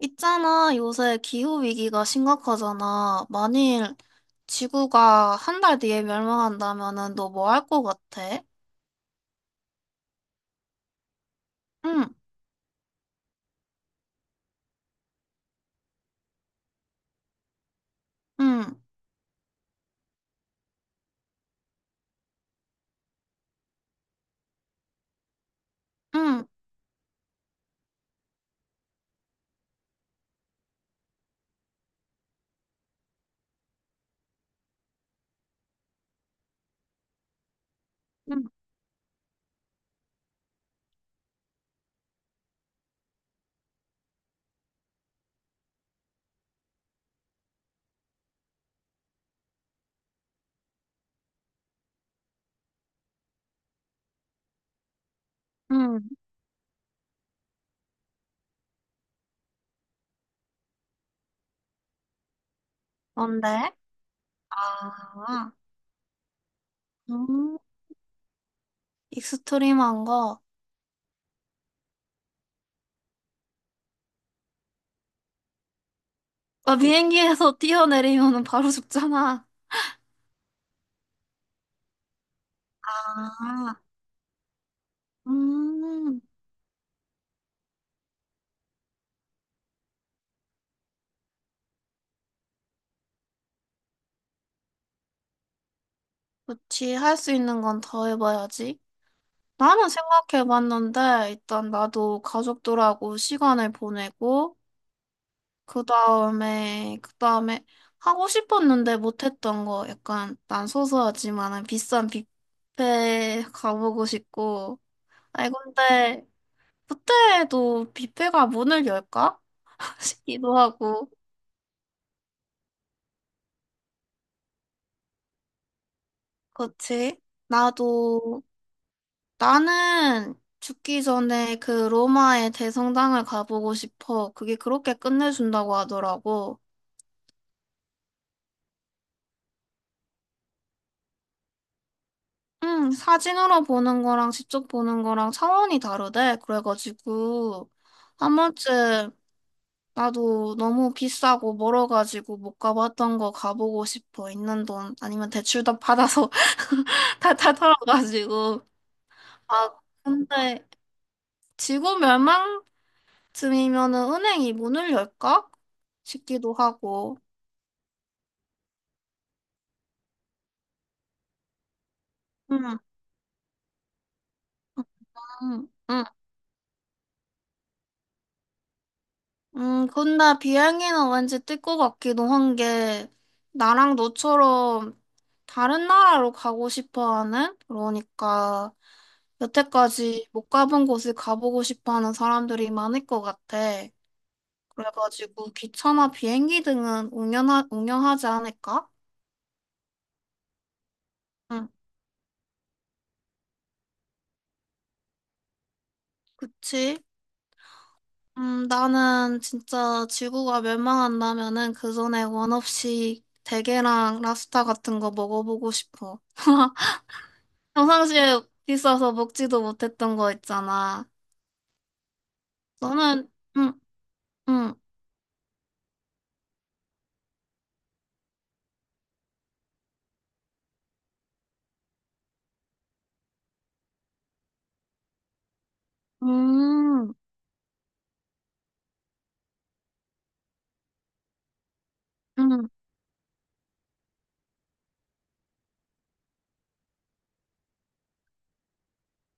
있잖아, 요새 기후위기가 심각하잖아. 만일 지구가 한 달 뒤에 멸망한다면은 너 뭐 할 것 같아? 응, 응, 응, 응, 응. 뭔데? 아, 음, 익스트림한 거. 아, 비행기에서 뛰어내리면은 바로 죽잖아. 아, 음, 그치. 할 수 있는 건 더 해봐야지. 나는 생각해봤는데, 일단 나도 가족들하고 시간을 보내고, 그 다음에 하고 싶었는데 못했던 거 약간 난 소소하지만은 비싼 뷔페 가보고 싶고. 아니, 근데 그때도 뷔페가 문을 열까? 싶기도 하고. 그치? 나도, 나는 죽기 전에 그 로마의 대성당을 가보고 싶어. 그게 그렇게 끝내준다고 하더라고. 응, 사진으로 보는 거랑 직접 보는 거랑 차원이 다르대. 그래가지고, 한 번쯤 나도 너무 비싸고 멀어가지고 못 가봤던 거 가보고 싶어. 있는 돈, 아니면 대출도 받아서 다 털어가지고. 아, 근데 지구 멸망쯤이면은 은행이 문을 열까? 싶기도 하고. 응, 응, 응. 근데 비행기는 왠지 뜰 것 같기도 한 게, 나랑 너처럼 다른 나라로 가고 싶어 하는, 그러니까 여태까지 못 가본 곳을 가보고 싶어 하는 사람들이 많을 것 같아. 그래가지고 기차나 비행기 등은 운영하지 않을까? 응, 그치. 나는 진짜 지구가 멸망한다면은 그 전에 원 없이 대게랑 랍스터 같은 거 먹어보고 싶어. 평상시에 비싸서 먹지도 못했던 거 있잖아. 너는, 응, 응, 음, 음.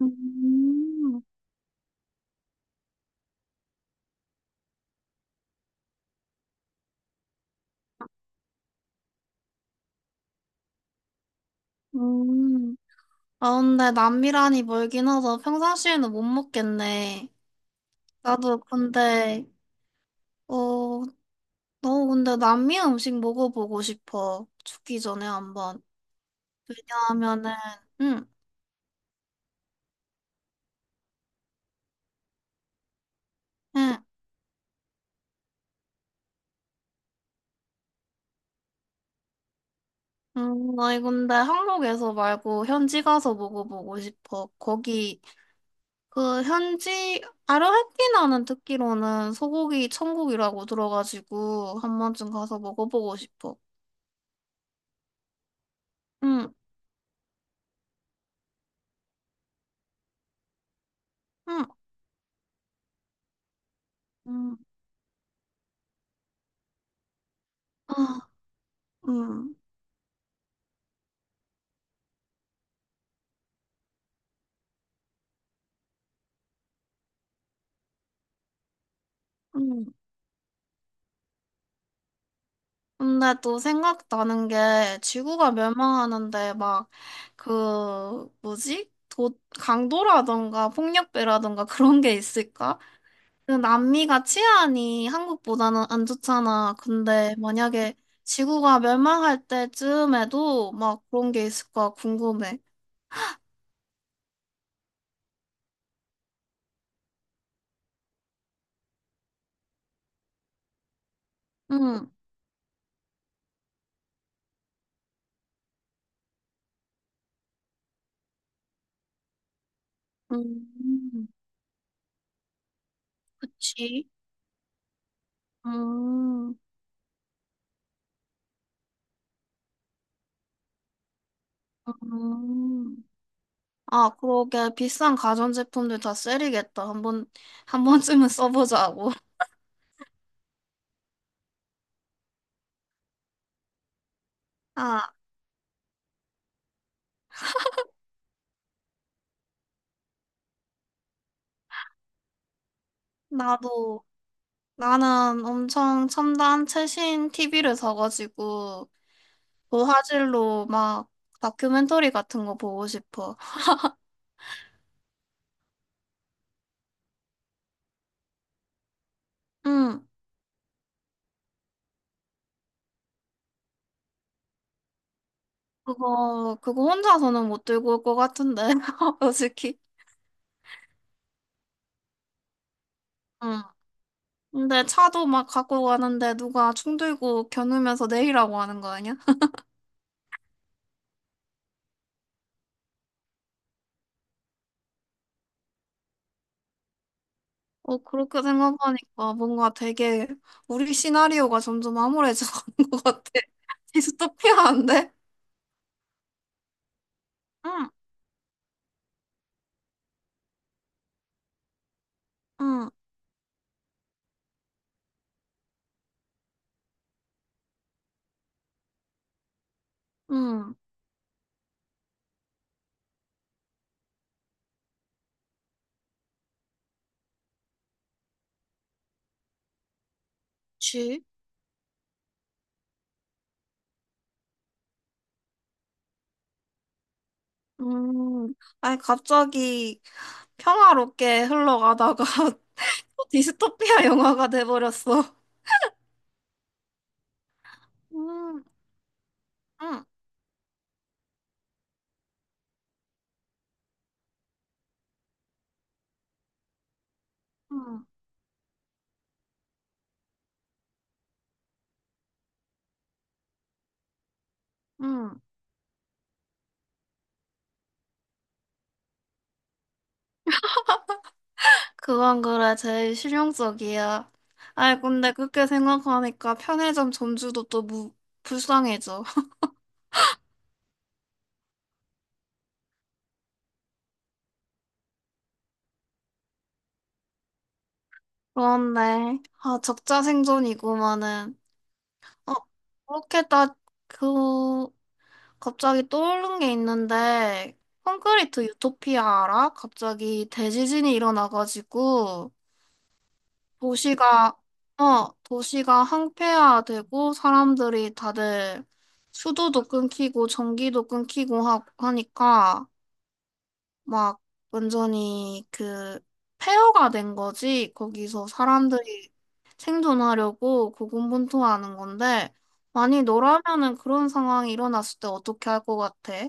음, 음. 아, 근데 남미란이 멀긴 해서 평상시에는 못 먹겠네. 나도 근데, 어, 너 근데 남미 음식 먹어보고 싶어. 죽기 전에 한번. 왜냐하면은, 응, 응, 나나 근데 한국에서 말고 현지 가서 먹어보고 싶어. 거기, 그 현지, 아르헨티나는 듣기로는 소고기 천국이라고 들어가지고 한 번쯤 가서 먹어보고 싶어. 응, 응. 응. 아, 음, 음. 근데 또 생각나는 게 지구가 멸망하는데 막 그 뭐지? 도, 강도라던가 폭력배라던가 그런 게 있을까? 그 남미가 치안이 한국보다는 안 좋잖아. 근데 만약에 지구가 멸망할 때쯤에도 막 그런 게 있을까 궁금해. 응, 음, 그치? 음, 음. 아, 그러게. 비싼 가전제품들 다 셀이겠다. 한번, 한 번쯤은 써보자고. 아, 나도, 나는 엄청 첨단 최신 TV를 사가지고, 고화질로 막 다큐멘터리 같은 거 보고 싶어. 응, 그거 혼자서는 못 들고 올 것 같은데, 솔직히. 응. 근데 차도 막 갖고 가는데 누가 충 들고 겨누면서 내리라고 하는 거 아니야? 어, 그렇게 생각하니까 뭔가 되게 우리 시나리오가 점점 암울해져 가는 것 같아. 디스토피아인데? 응, 응, 응. 그치? 음, 아니, 갑자기 평화롭게 흘러가다가 또 디스토피아 영화가 돼버렸어. 음, 응, 응, 응. 그건 그래, 제일 실용적이야. 아니, 근데 그렇게 생각하니까 편의점 점주도 또 불쌍해져. 그런데, 아, 적자생존이구만은. 어, 그렇게 딱, 그, 갑자기 떠오른 게 있는데, 콘크리트 유토피아 알아? 갑자기 대지진이 일어나가지고, 도시가, 어, 도시가 항폐화되고, 사람들이 다들 수도도 끊기고, 전기도 끊기고 하니까, 막 완전히 그 폐허가 된 거지. 거기서 사람들이 생존하려고 고군분투하는 건데, 만약 너라면은 그런 상황이 일어났을 때 어떻게 할 것 같아?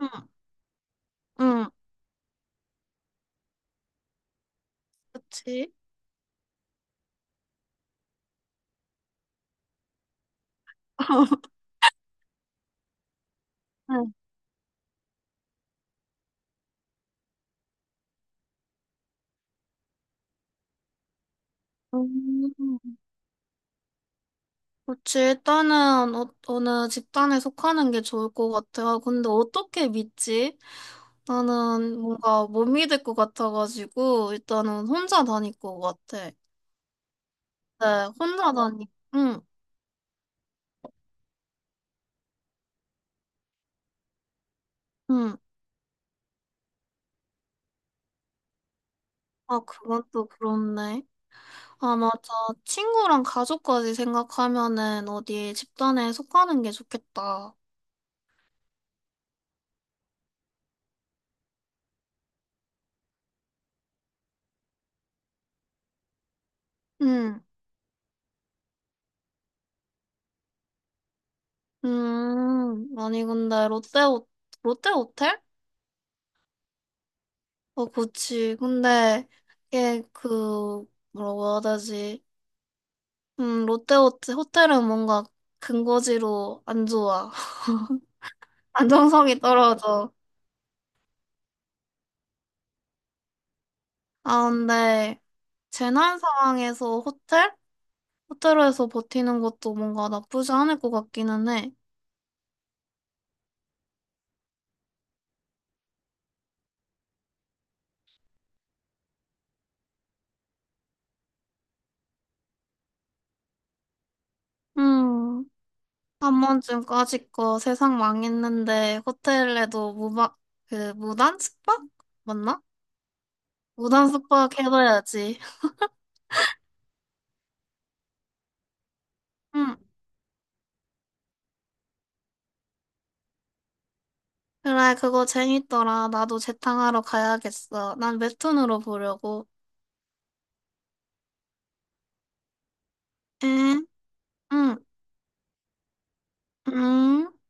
응, 응, 그치? 응. 음, 그치. 일단은 어, 어느 집단에 속하는 게 좋을 것 같아요. 근데 어떻게 믿지? 나는 뭔가 못 믿을 것 같아가지고 일단은 혼자 다닐 것 같아. 네, 혼자 다니. 응. 응. 아, 그건 또 그렇네. 아, 맞아. 친구랑 가족까지 생각하면은 어디 집단에 속하는 게 좋겠다. 응. 아니, 근데 롯데, 호- 롯데 호텔? 어, 그치. 근데, 이게 그, 뭐라고 해야 되지? 롯데 호텔, 호텔은 뭔가 근거지로 안 좋아. 안정성이 떨어져. 아, 근데, 재난 상황에서 호텔? 호텔에서 버티는 것도 뭔가 나쁘지 않을 것 같기는 해. 음, 한 번쯤 까짓거 세상 망했는데 호텔에도 무박, 그, 무단 숙박? 맞나? 무단 숙박 해봐야지. 음, 그래, 그거 재밌더라. 나도 재탕하러 가야겠어. 난 웹툰으로 보려고. 응, 응, 응.